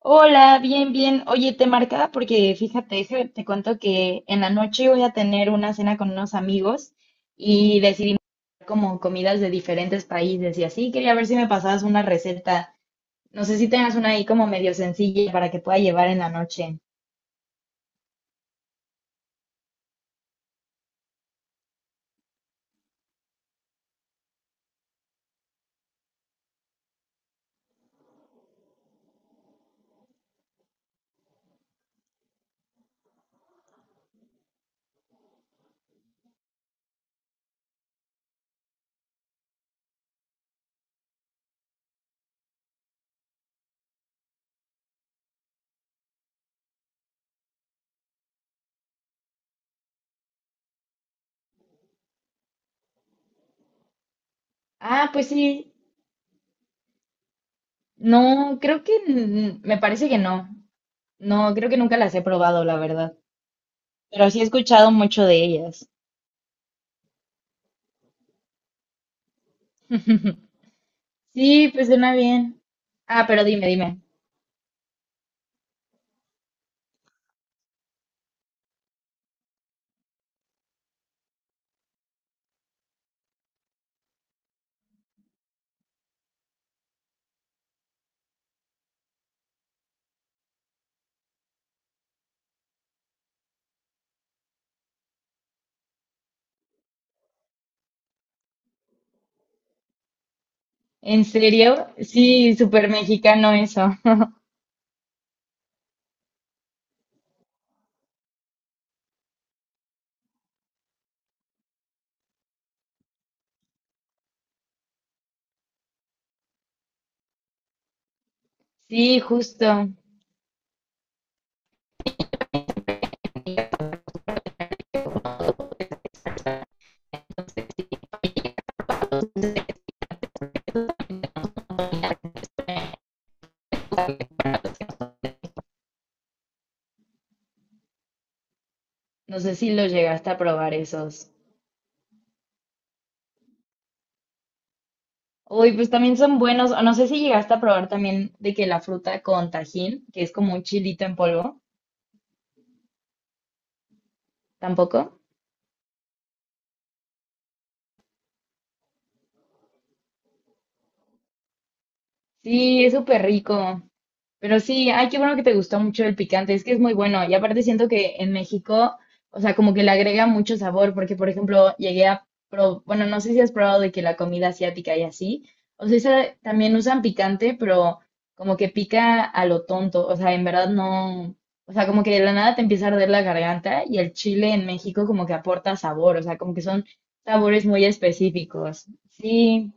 Hola, bien, bien. Oye, te marcaba porque fíjate, te cuento que en la noche voy a tener una cena con unos amigos y decidimos hacer como comidas de diferentes países y así. Quería ver si me pasabas una receta. No sé si tengas una ahí como medio sencilla para que pueda llevar en la noche. Ah, pues sí. No, creo que me parece que no. No, creo que nunca las he probado, la verdad. Pero sí he escuchado mucho de ellas. Sí, pues suena bien. Ah, pero dime, dime. ¿En serio? Sí, súper mexicano eso. Sí, justo. No sé si los llegaste a probar esos. Uy, pues también son buenos. O no sé si llegaste a probar también de que la fruta con tajín, que es como un chilito en polvo. ¿Tampoco? Sí, es súper rico. Pero sí, ay, qué bueno que te gustó mucho el picante, es que es muy bueno. Y aparte siento que en México, o sea, como que le agrega mucho sabor, porque por ejemplo, bueno, no sé si has probado de que la comida asiática y así, o sea, esa también usan picante, pero como que pica a lo tonto, o sea, en verdad no, o sea, como que de la nada te empieza a arder la garganta y el chile en México como que aporta sabor, o sea, como que son sabores muy específicos. Sí,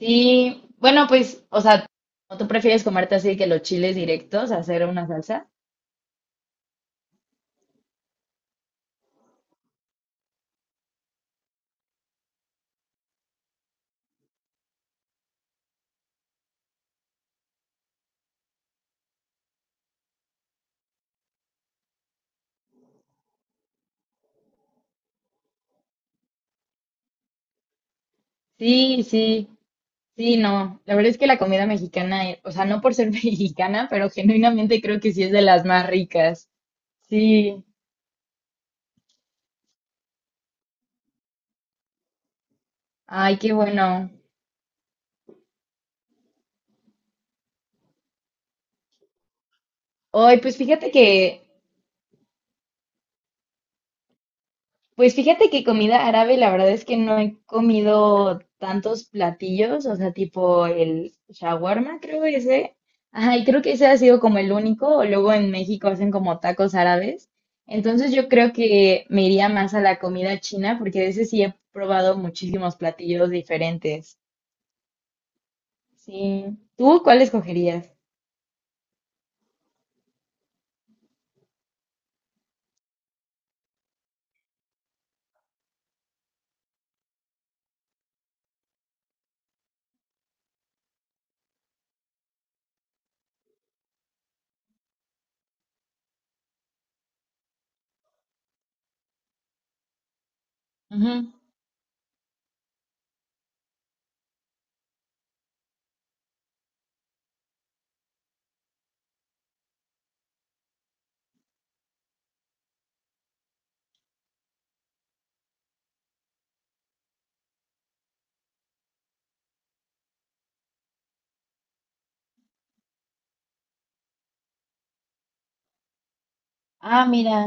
sí, bueno, pues, o sea, ¿o tú prefieres comerte así que los chiles directos hacer una salsa? Sí, sí, sí, no. La verdad es que la comida mexicana, o sea, no por ser mexicana, pero genuinamente creo que sí es de las más ricas. Sí, ay, qué bueno. Hoy, pues fíjate que pues fíjate que comida árabe, la verdad es que no he comido tantos platillos, o sea, tipo el shawarma, creo ese. Ajá, y creo que ese ha sido como el único. Luego en México hacen como tacos árabes. Entonces yo creo que me iría más a la comida china, porque de ese sí he probado muchísimos platillos diferentes. Sí. ¿Tú cuál escogerías? Ujú. Ah, mira.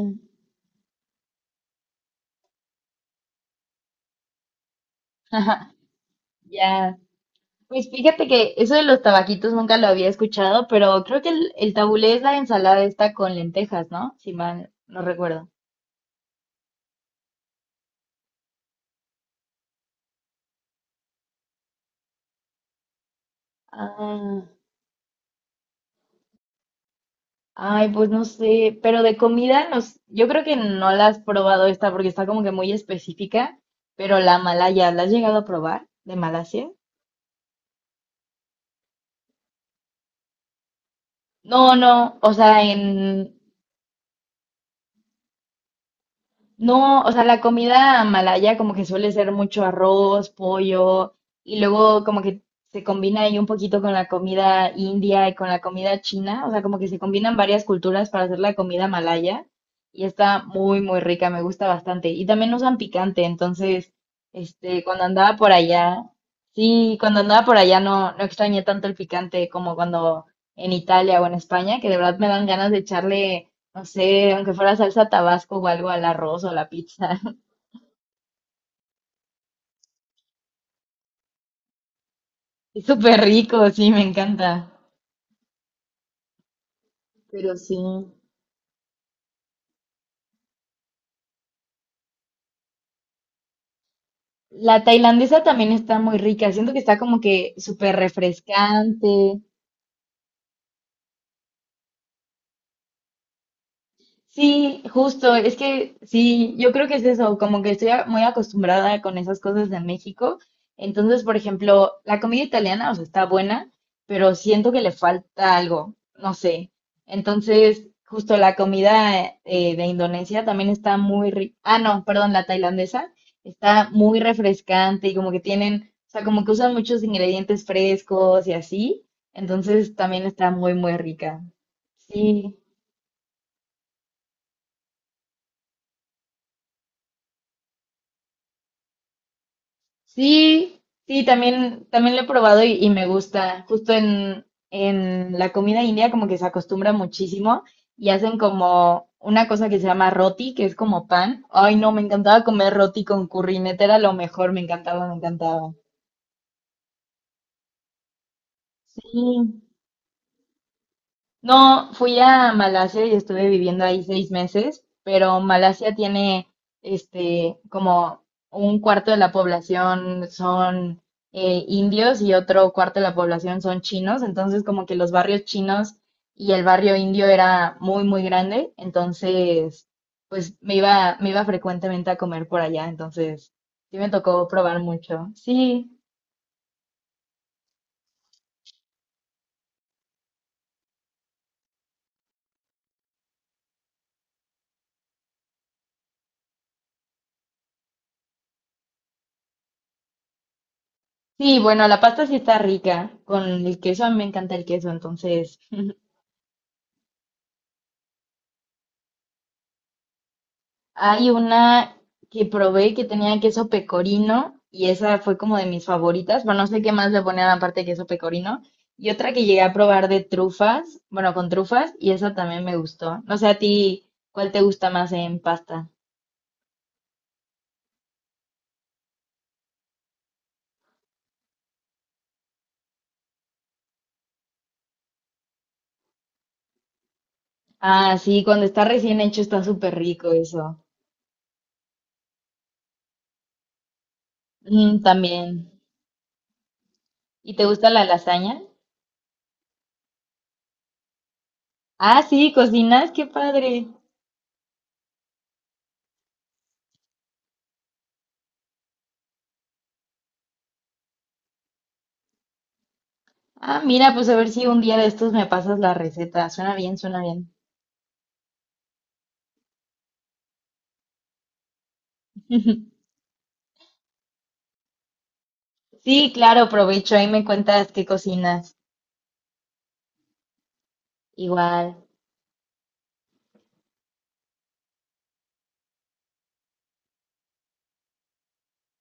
Ya. Pues fíjate que eso de los tabaquitos nunca lo había escuchado, pero creo que el tabulé es la ensalada esta con lentejas, ¿no? Si mal no recuerdo. Ah, ay, pues no sé, pero de comida nos, yo creo que no la has probado esta porque está como que muy específica, pero la malaya, ¿la has llegado a probar? ¿De Malasia? No, no, o sea, en, no, o sea, la comida malaya como que suele ser mucho arroz, pollo, y luego como que se combina ahí un poquito con la comida india y con la comida china, o sea, como que se combinan varias culturas para hacer la comida malaya, y está muy, muy rica, me gusta bastante. Y también usan picante, entonces, este, cuando andaba por allá, sí, cuando andaba por allá no, no extrañé tanto el picante como cuando en Italia o en España, que de verdad me dan ganas de echarle no sé, aunque fuera salsa Tabasco o algo al arroz o a la pizza. Es súper rico, sí, me encanta. Pero sí. La tailandesa también está muy rica. Siento que está como que súper refrescante. Sí, justo, es que sí, yo creo que es eso, como que muy acostumbrada con esas cosas de México. Entonces, por ejemplo, la comida italiana, o sea, está buena, pero siento que le falta algo, no sé. Entonces, justo la comida de Indonesia también está muy rica. Ah, no, perdón, la tailandesa está muy refrescante y como que tienen, o sea, como que usan muchos ingredientes frescos y así. Entonces, también está muy, muy rica. Sí. Sí, sí, también, también lo he probado y me gusta. Justo en la comida india como que se acostumbra muchísimo y hacen como una cosa que se llama roti, que es como pan. Ay, no, me encantaba comer roti con curry, neta era lo mejor, me encantaba, me encantaba. Sí. No, fui a Malasia y estuve viviendo ahí 6 meses, pero Malasia tiene este como un cuarto de la población son indios y otro cuarto de la población son chinos, entonces como que los barrios chinos y el barrio indio era muy muy grande, entonces pues me iba frecuentemente a comer por allá, entonces sí me tocó probar mucho. Sí, sí, bueno, la pasta sí está rica, con el queso, a mí me encanta el queso, entonces hay una que probé que tenía queso pecorino y esa fue como de mis favoritas. Bueno, no sé qué más le ponían aparte de queso pecorino. Y otra que llegué a probar de trufas, bueno, con trufas, y esa también me gustó. No sé a ti, ¿cuál te gusta más en pasta? Ah, sí, cuando está recién hecho está súper rico eso. Mm, también. ¿Y te gusta la lasaña? Ah, sí, cocinas, qué padre. Ah, mira, pues a ver si un día de estos me pasas la receta. Suena bien, suena bien. Sí, claro, provecho. Ahí me cuentas qué cocinas. Igual.